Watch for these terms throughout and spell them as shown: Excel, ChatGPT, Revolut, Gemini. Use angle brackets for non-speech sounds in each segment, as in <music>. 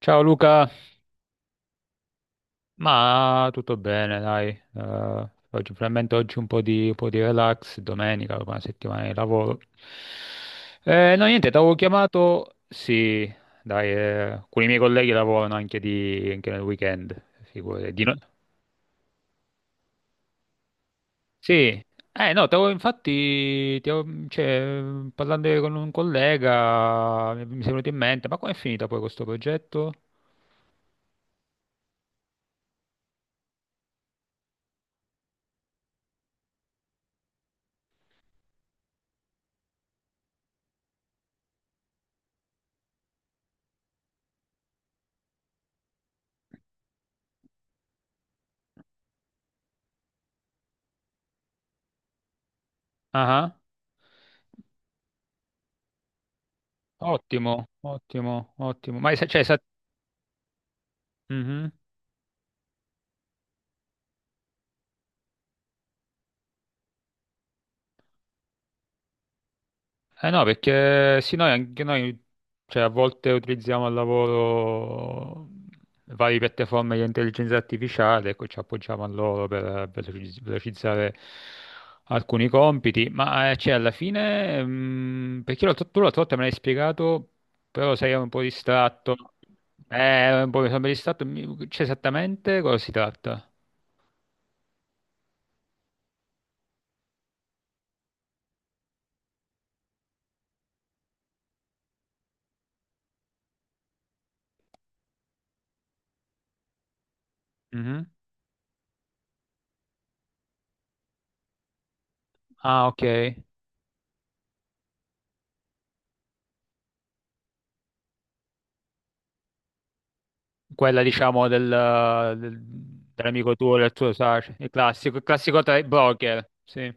Ciao Luca, ma tutto bene, dai. Oggi, finalmente oggi un po' di relax, domenica, dopo una settimana di lavoro. Eh no, niente, ti avevo chiamato, sì, dai, alcuni miei colleghi lavorano anche, di, anche nel weekend, figurati. Di no- Sì, eh no, cioè, parlando con un collega mi è venuto in mente, ma com'è finita poi questo progetto? Ah, ah. Ottimo, ottimo, ottimo. Mhm. Eh no, perché sì, noi anche noi, cioè, a volte utilizziamo al lavoro varie piattaforme di intelligenza artificiale, ecco, ci appoggiamo a loro per velocizzare alcuni compiti, ma cioè, alla fine, tu l'altra volta me l'hai spiegato, però sei un po' distratto, un po' mi sono distratto, cioè, esattamente cosa si tratta? Mhm. Ah, ok. Quella diciamo del- dell'amico tuo, del tuo sace, il classico tra i broker, sì,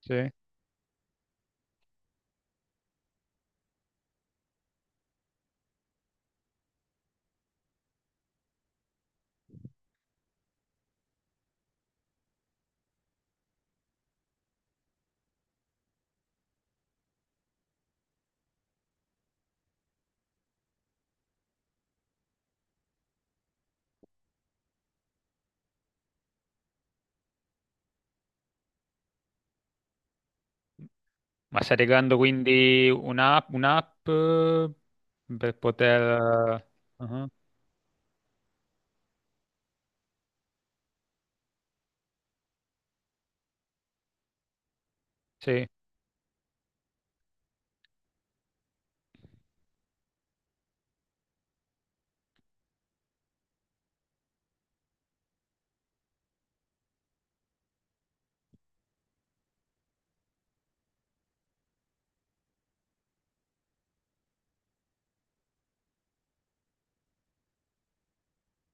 sì. Ma stai creando quindi un'app, per poter... Ah, sì,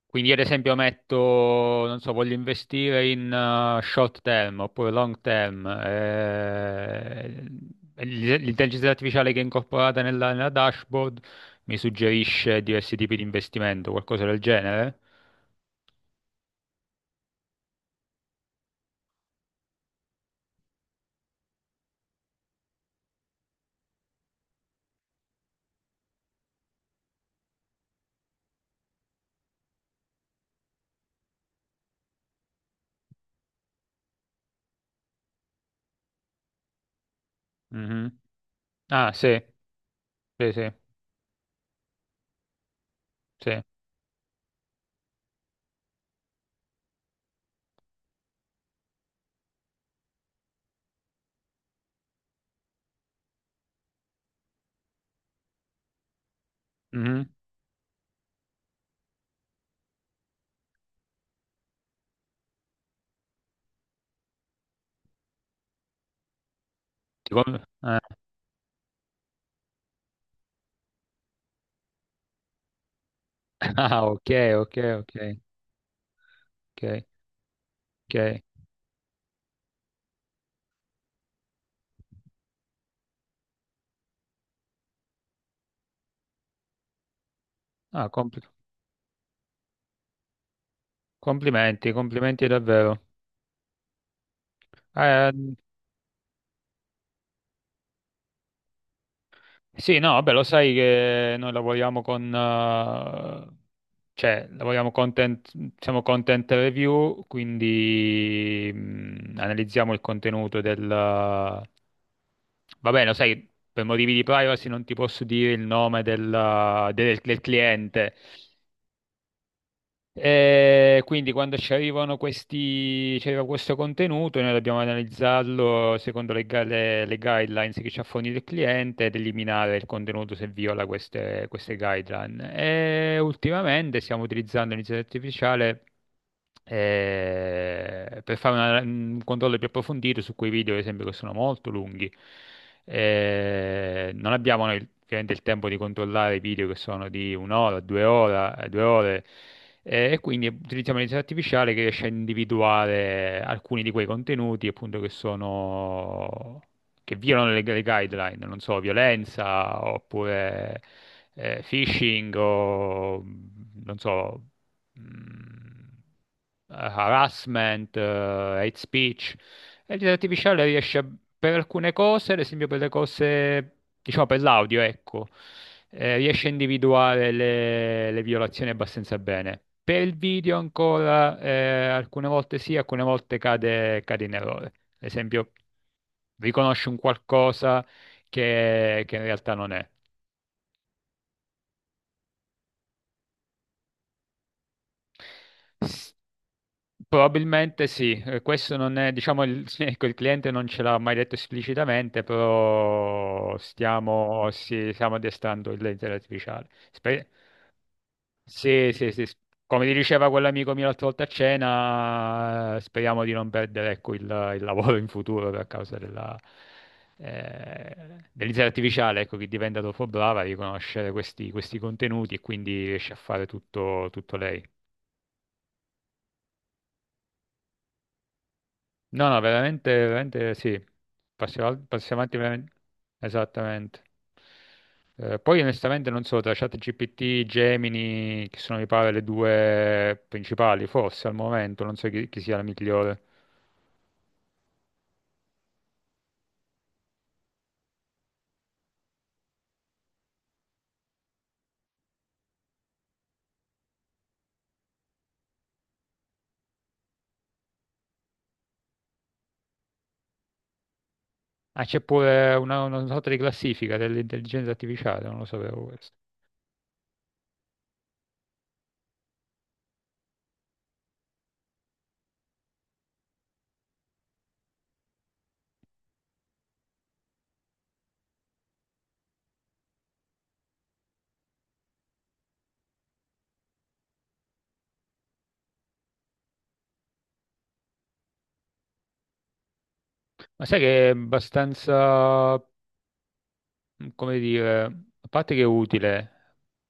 quindi io ad esempio metto, non so, voglio investire in short term oppure long term, l'intelligenza artificiale che è incorporata nella dashboard mi suggerisce diversi tipi di investimento, qualcosa del genere? Mhm. Ah, sì, sì, sì, sì. Mhm. Ti com- eh, <laughs> Ah, ok, ok, ok, ok, ok. Ah, compl- complimenti, complimenti davvero. Eh, sì, no, vabbè, lo sai che noi lavoriamo con, cioè, lavoriamo content, siamo content review, quindi analizziamo il contenuto del... Va bene, lo sai, per motivi di privacy non ti posso dire il nome del, del cliente. E quindi quando ci arrivano questi, ci arriva questo contenuto, noi dobbiamo analizzarlo secondo le guidelines che ci ha fornito il cliente ed eliminare il contenuto se viola queste guideline. E ultimamente stiamo utilizzando l'intelligenza artificiale per fare un controllo più approfondito su quei video, ad esempio, che sono molto lunghi. Non abbiamo noi ovviamente il tempo di controllare i video che sono di un'ora, due ore, e quindi utilizziamo l'intelligenza artificiale che riesce a individuare alcuni di quei contenuti, appunto, che sono... che violano le guideline, non so, violenza oppure phishing o non so mh, harassment, hate speech. E il artificiale per alcune cose, ad esempio per le cose, diciamo per l'audio, ecco, riesce a individuare le violazioni abbastanza bene. Per il video ancora, alcune volte sì, alcune volte cade, cade in errore. Ad esempio, riconosce un qualcosa che in realtà non è. S- Probabilmente sì, questo non è, diciamo, il, <laughs> ecco, il cliente non ce l'ha mai detto esplicitamente, però stiamo, sì, stiamo addestrando l'intelligenza artificiale. Sì, sì, sì, come ti diceva quell'amico mio l'altra volta a cena, speriamo di non perdere, ecco, il lavoro in futuro per causa della, eh, dell'intelligenza artificiale, ecco, che diventa dopo brava a riconoscere questi, questi contenuti e quindi riesce a fare tutto tutto lei. No, no, veramente, veramente sì. Passi avanti veramente. Esattamente. Poi onestamente non so, tra ChatGPT, Gemini, che sono mi pare le due principali, forse al momento, non so chi, chi sia la migliore. Ah, c'è pure una sorta di classifica dell'intelligenza artificiale, non lo sapevo questo. Ma sai che è abbastanza, come dire, a parte che è utile,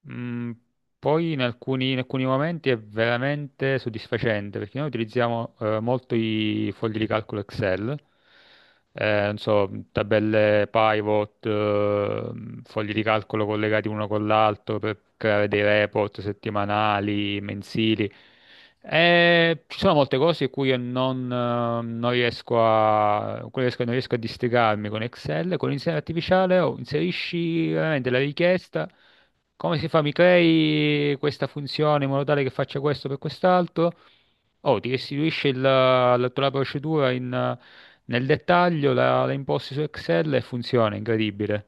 mh, poi in alcuni momenti è veramente soddisfacente perché noi utilizziamo molto i fogli di calcolo Excel, non so, tabelle pivot, fogli di calcolo collegati uno con l'altro per creare dei report settimanali, mensili. Ci sono molte cose in cui io non, non riesco a, non riesco a districarmi con Excel, con l'intelligenza artificiale oh, inserisci veramente la richiesta. Come si fa? Mi crei questa funzione in modo tale che faccia questo per quest'altro? Oh, ti restituisce la tua procedura in, nel dettaglio, la, la imposti su Excel e funziona, incredibile.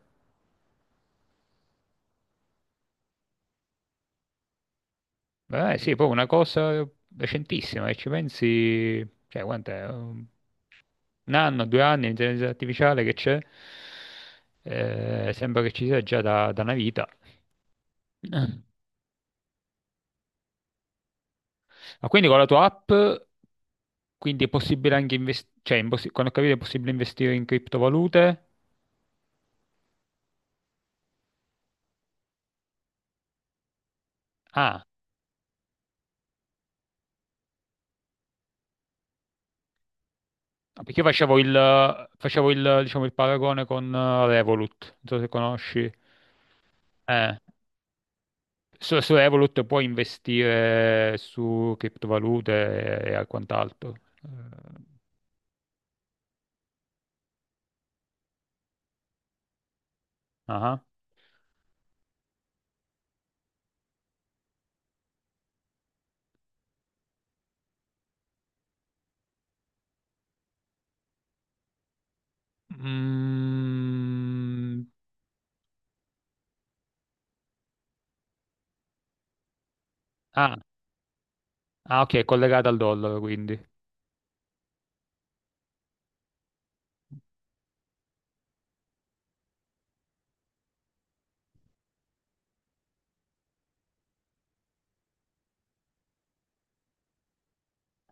Beh, sì, poi una cosa recentissima, e ci pensi, cioè, quant'è? Un anno, due anni, l'intelligenza artificiale che c'è, sembra che ci sia già da una vita. Ma quindi con la tua app, quindi è possibile anche investire, cioè, quando ho capito è possibile investire in criptovalute? Ah, no, perché io facevo facevo il, diciamo, il paragone con Revolut, non so se conosci. Eh, su Revolut puoi investire su criptovalute e quant'altro. Eh, ah. Mm, ah, ah, ok, è collegata al dollaro, quindi.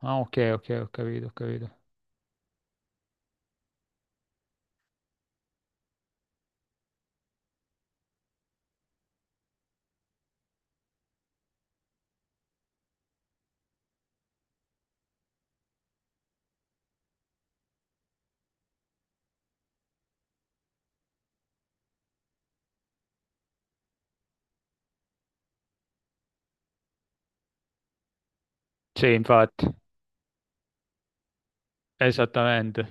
Ah, ok, ok, ho capito, ho capito. Sì, infatti. Esattamente.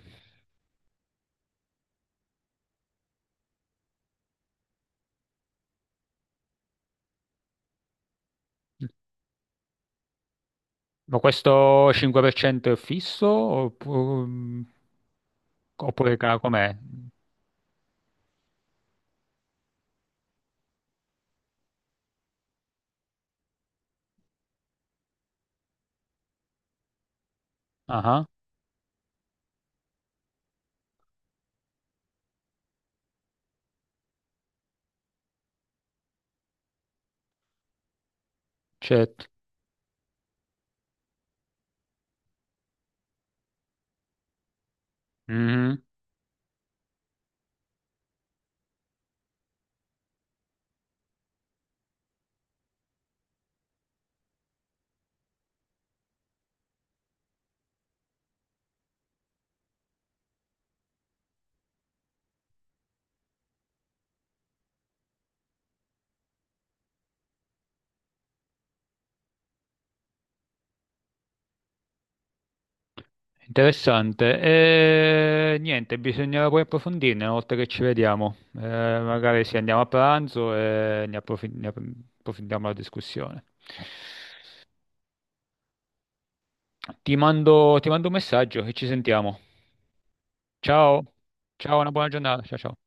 Ma questo 5% è oppure, com'è? Ah, certo. Mhm. Interessante. E, niente, bisognerà poi approfondirne una volta che ci vediamo. Magari sì, andiamo a pranzo e ne approfondiamo la discussione. Ti mando un messaggio e ci sentiamo. Ciao, ciao, una buona giornata. Ciao, ciao.